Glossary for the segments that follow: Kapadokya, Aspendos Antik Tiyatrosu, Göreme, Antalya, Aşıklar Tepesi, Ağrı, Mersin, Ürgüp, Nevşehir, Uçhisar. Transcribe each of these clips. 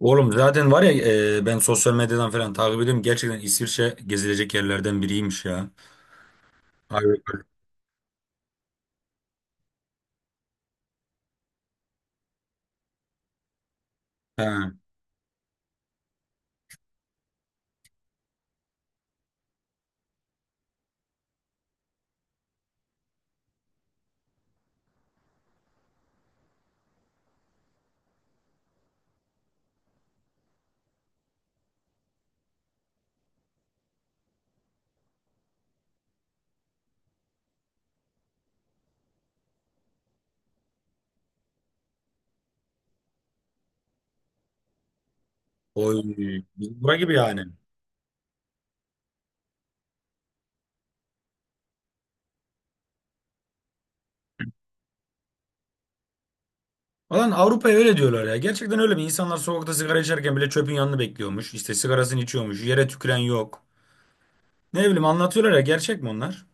Oğlum zaten var ya, ben sosyal medyadan falan takip ediyorum. Gerçekten İsviçre gezilecek yerlerden biriymiş ya. Harbi. Ha. Oy. Biz bura gibi yani. Ulan Avrupa'ya öyle diyorlar ya. Gerçekten öyle mi? İnsanlar sokakta sigara içerken bile çöpün yanını bekliyormuş. İşte sigarasını içiyormuş. Yere tüküren yok. Ne bileyim anlatıyorlar ya. Gerçek mi onlar?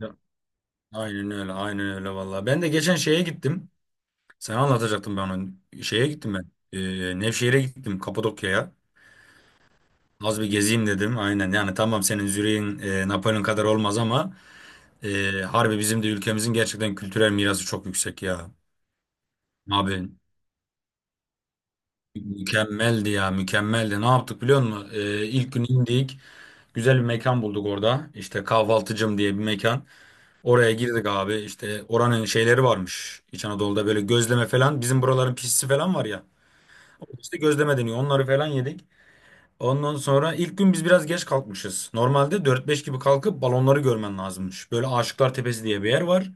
Ya, aynen öyle. Aynen öyle vallahi. Ben de geçen şeye gittim. Sana anlatacaktım ben onu. Şeye gittim ben. Nevşehir'e gittim. Kapadokya'ya. Az bir gezeyim dedim. Aynen yani, tamam, senin Zürih'in Napolyon kadar olmaz ama harbi bizim de ülkemizin gerçekten kültürel mirası çok yüksek ya. Abi mükemmeldi ya, mükemmeldi. Ne yaptık biliyor musun? İlk gün indik. Güzel bir mekan bulduk orada. İşte kahvaltıcım diye bir mekan. Oraya girdik abi. İşte oranın şeyleri varmış. İç Anadolu'da böyle gözleme falan. Bizim buraların pişisi falan var ya. İşte gözleme deniyor. Onları falan yedik. Ondan sonra ilk gün biz biraz geç kalkmışız. Normalde dört beş gibi kalkıp balonları görmen lazımmış. Böyle Aşıklar Tepesi diye bir yer var.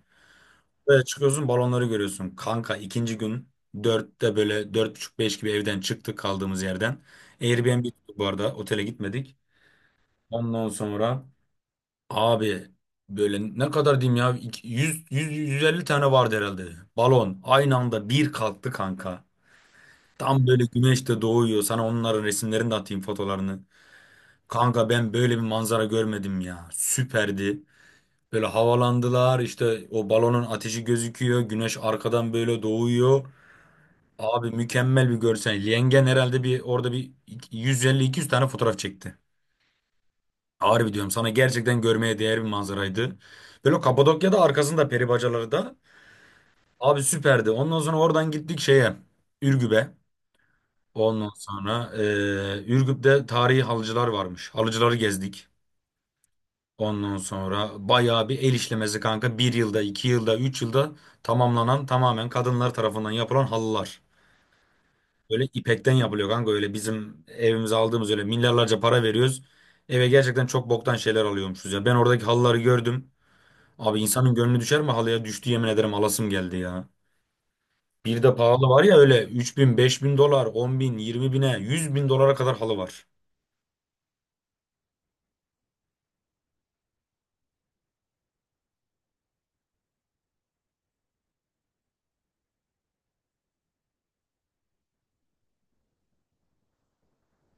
Böyle çıkıyorsun, balonları görüyorsun. Kanka, ikinci gün 4'te, böyle dört buçuk beş gibi evden çıktık, kaldığımız yerden. Airbnb tuttuk bu arada, otele gitmedik. Ondan sonra abi, böyle ne kadar diyeyim ya, yüz, yüz yüz elli tane vardı herhalde. Balon aynı anda bir kalktı kanka. Tam böyle güneş de doğuyor. Sana onların resimlerini de atayım, fotolarını. Kanka, ben böyle bir manzara görmedim ya. Süperdi. Böyle havalandılar, işte o balonun ateşi gözüküyor. Güneş arkadan böyle doğuyor. Abi, mükemmel bir görsel. Yengen herhalde bir orada bir 150-200 tane fotoğraf çekti. Harbi diyorum sana, gerçekten görmeye değer bir manzaraydı. Böyle Kapadokya'da arkasında peri bacaları da. Abi süperdi. Ondan sonra oradan gittik şeye. Ürgüp'e. Ondan sonra Ürgüp'te tarihi halıcılar varmış. Halıcıları gezdik. Ondan sonra bayağı bir el işlemesi kanka. Bir yılda, iki yılda, üç yılda tamamlanan, tamamen kadınlar tarafından yapılan halılar. Böyle ipekten yapılıyor kanka. Öyle bizim evimize aldığımız, öyle milyarlarca para veriyoruz. Eve gerçekten çok boktan şeyler alıyormuşuz ya. Ben oradaki halıları gördüm. Abi, insanın gönlü düşer mi halıya? Düştü, yemin ederim alasım geldi ya. Bir de pahalı var ya, öyle 3 bin 5 bin dolar, 10 bin, 20 bine, 100 bin dolara kadar halı var.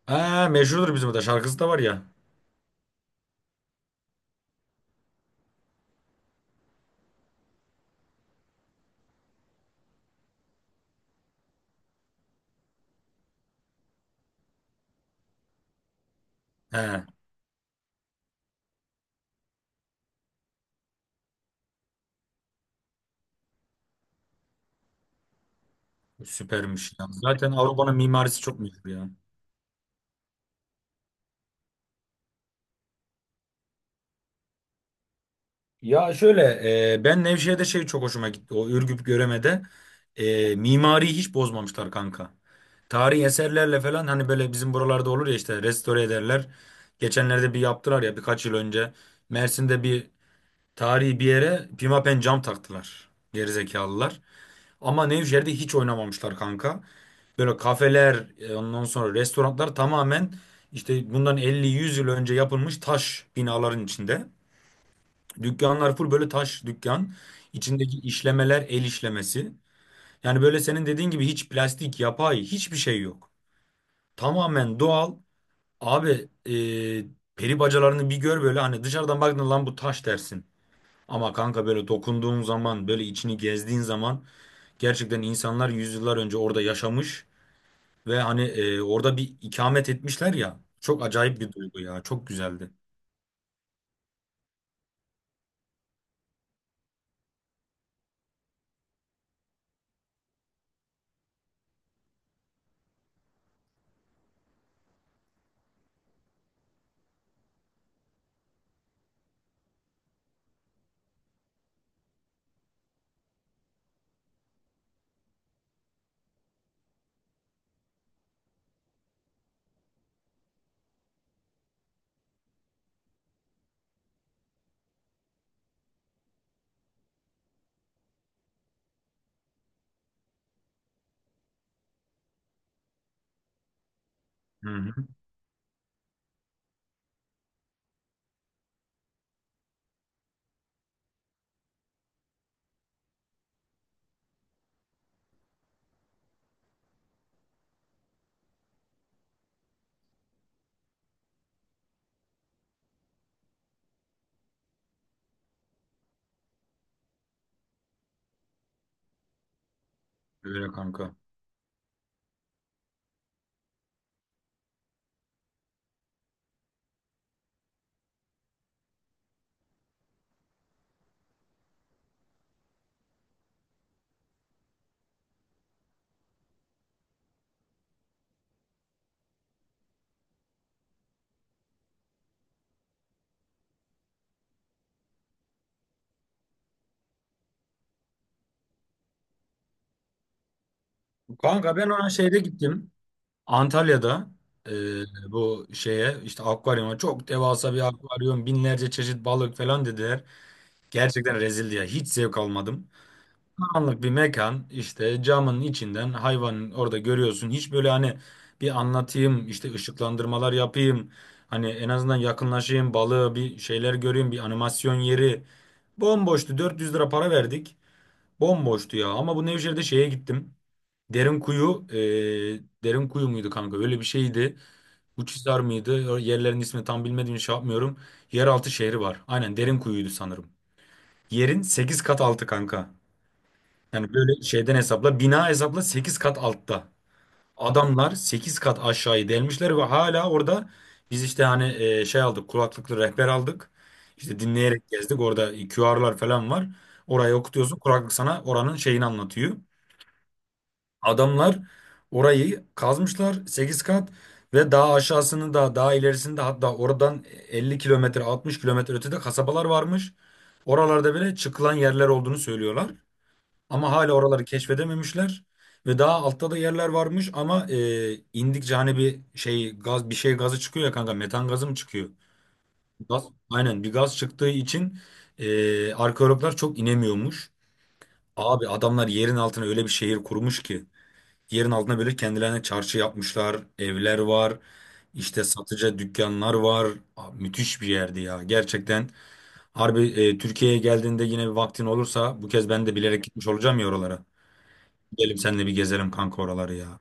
Ha, meşhurdur, bizim de şarkısı da var ya. He. Süpermiş ya. Zaten Avrupa'nın mimarisi çok meşhur ya. Ya şöyle, ben Nevşehir'de şey çok hoşuma gitti. O Ürgüp Göreme'de mimariyi hiç bozmamışlar kanka. Tarihi eserlerle falan, hani böyle bizim buralarda olur ya, işte restore ederler. Geçenlerde bir yaptılar ya birkaç yıl önce. Mersin'de bir tarihi bir yere pimapen cam taktılar. Gerizekalılar. Ama Nevşehir'de hiç oynamamışlar kanka. Böyle kafeler, ondan sonra restoranlar, tamamen işte bundan elli yüz yıl önce yapılmış taş binaların içinde. Dükkanlar full böyle taş dükkan. İçindeki işlemeler el işlemesi. Yani böyle senin dediğin gibi hiç plastik, yapay hiçbir şey yok. Tamamen doğal. Abi, e, peri bacalarını bir gör, böyle hani dışarıdan baktığında lan bu taş dersin. Ama kanka böyle dokunduğun zaman, böyle içini gezdiğin zaman gerçekten insanlar yüzyıllar önce orada yaşamış. Ve hani orada bir ikamet etmişler ya. Çok acayip bir duygu ya. Çok güzeldi. Hı hı. Öyle kanka. Kanka ben ona şeyde gittim. Antalya'da e, bu şeye, işte akvaryuma, çok devasa bir akvaryum, binlerce çeşit balık falan dediler. Gerçekten rezildi ya. Hiç zevk almadım. Anlık bir mekan, işte camın içinden hayvanın orada görüyorsun. Hiç böyle hani bir anlatayım, işte ışıklandırmalar yapayım. Hani en azından yakınlaşayım balığı, bir şeyler göreyim, bir animasyon yeri. Bomboştu, 400 lira para verdik. Bomboştu ya. Ama bu Nevşehir'de şeye gittim. Derin kuyu, derin kuyu muydu kanka, öyle bir şeydi. Uçhisar mıydı? O yerlerin ismini tam bilmediğim için şey yapmıyorum. Yeraltı şehri var, aynen derin kuyuydu sanırım. Yerin 8 kat altı kanka. Yani böyle şeyden hesapla, bina hesapla, 8 kat altta. Adamlar 8 kat aşağıyı delmişler ve hala orada biz işte hani şey aldık, kulaklıklı rehber aldık. İşte dinleyerek gezdik, orada QR'lar falan var. Orayı okutuyorsun, kulaklık sana oranın şeyini anlatıyor. Adamlar orayı kazmışlar 8 kat ve daha aşağısını da, daha ilerisini de, hatta oradan 50 kilometre 60 kilometre ötede kasabalar varmış. Oralarda bile çıkılan yerler olduğunu söylüyorlar. Ama hala oraları keşfedememişler ve daha altta da yerler varmış ama indikçe hani bir şey gaz, bir şey gazı çıkıyor ya kanka, metan gazı mı çıkıyor? Gaz, aynen, bir gaz çıktığı için arkeologlar çok inemiyormuş. Abi adamlar yerin altına öyle bir şehir kurmuş ki, yerin altına böyle kendilerine çarşı yapmışlar, evler var, işte satıcı dükkanlar var. Abi, müthiş bir yerdi ya gerçekten. Harbi, Türkiye'ye geldiğinde yine bir vaktin olursa, bu kez ben de bilerek gitmiş olacağım ya oralara. Gidelim seninle bir gezelim kanka oraları ya.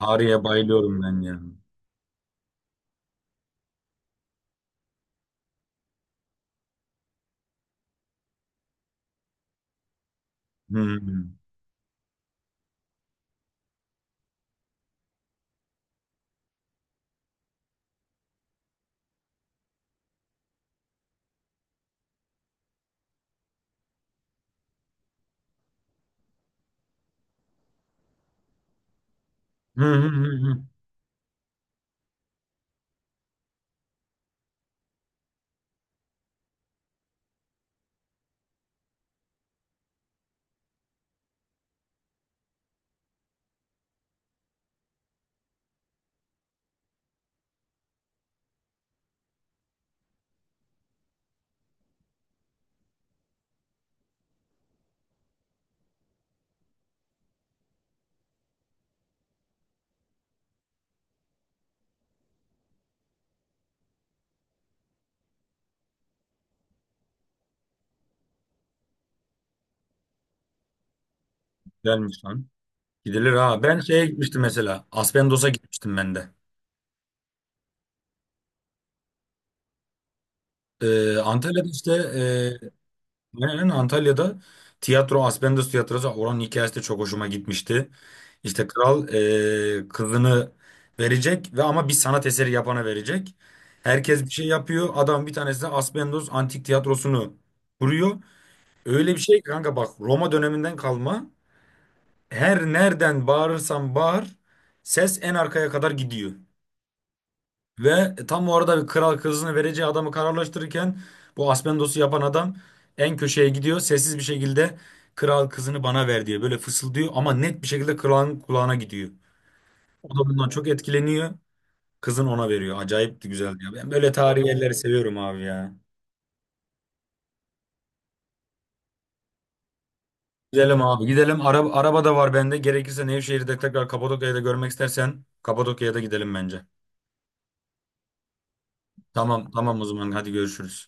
Ağrı'ya bayılıyorum ben ya. Hı hı. Hı hı hı hı. Güzelmiş lan. Gidilir ha. Ben şeye gitmiştim mesela. Aspendos'a gitmiştim ben de. Antalya'da işte, aynen Antalya'da tiyatro, Aspendos tiyatrosu, oranın hikayesi de çok hoşuma gitmişti. İşte kral kızını verecek ve ama bir sanat eseri yapana verecek. Herkes bir şey yapıyor. Adam, bir tanesi de Aspendos Antik Tiyatrosu'nu kuruyor. Öyle bir şey kanka, bak Roma döneminden kalma. Her nereden bağırırsan bağır, ses en arkaya kadar gidiyor. Ve tam o arada bir kral kızını vereceği adamı kararlaştırırken bu Aspendos'u yapan adam en köşeye gidiyor. Sessiz bir şekilde, kral kızını bana ver diye böyle fısıldıyor ama net bir şekilde kralın kulağına gidiyor. O da bundan çok etkileniyor. Kızın ona veriyor. Acayip de güzeldi ya. Ben böyle tarihi yerleri seviyorum abi ya. Gidelim abi, gidelim. Araba, araba da var bende. Gerekirse Nevşehir'de tekrar, Kapadokya'da görmek istersen Kapadokya'ya da gidelim bence. Tamam tamam, o zaman hadi görüşürüz.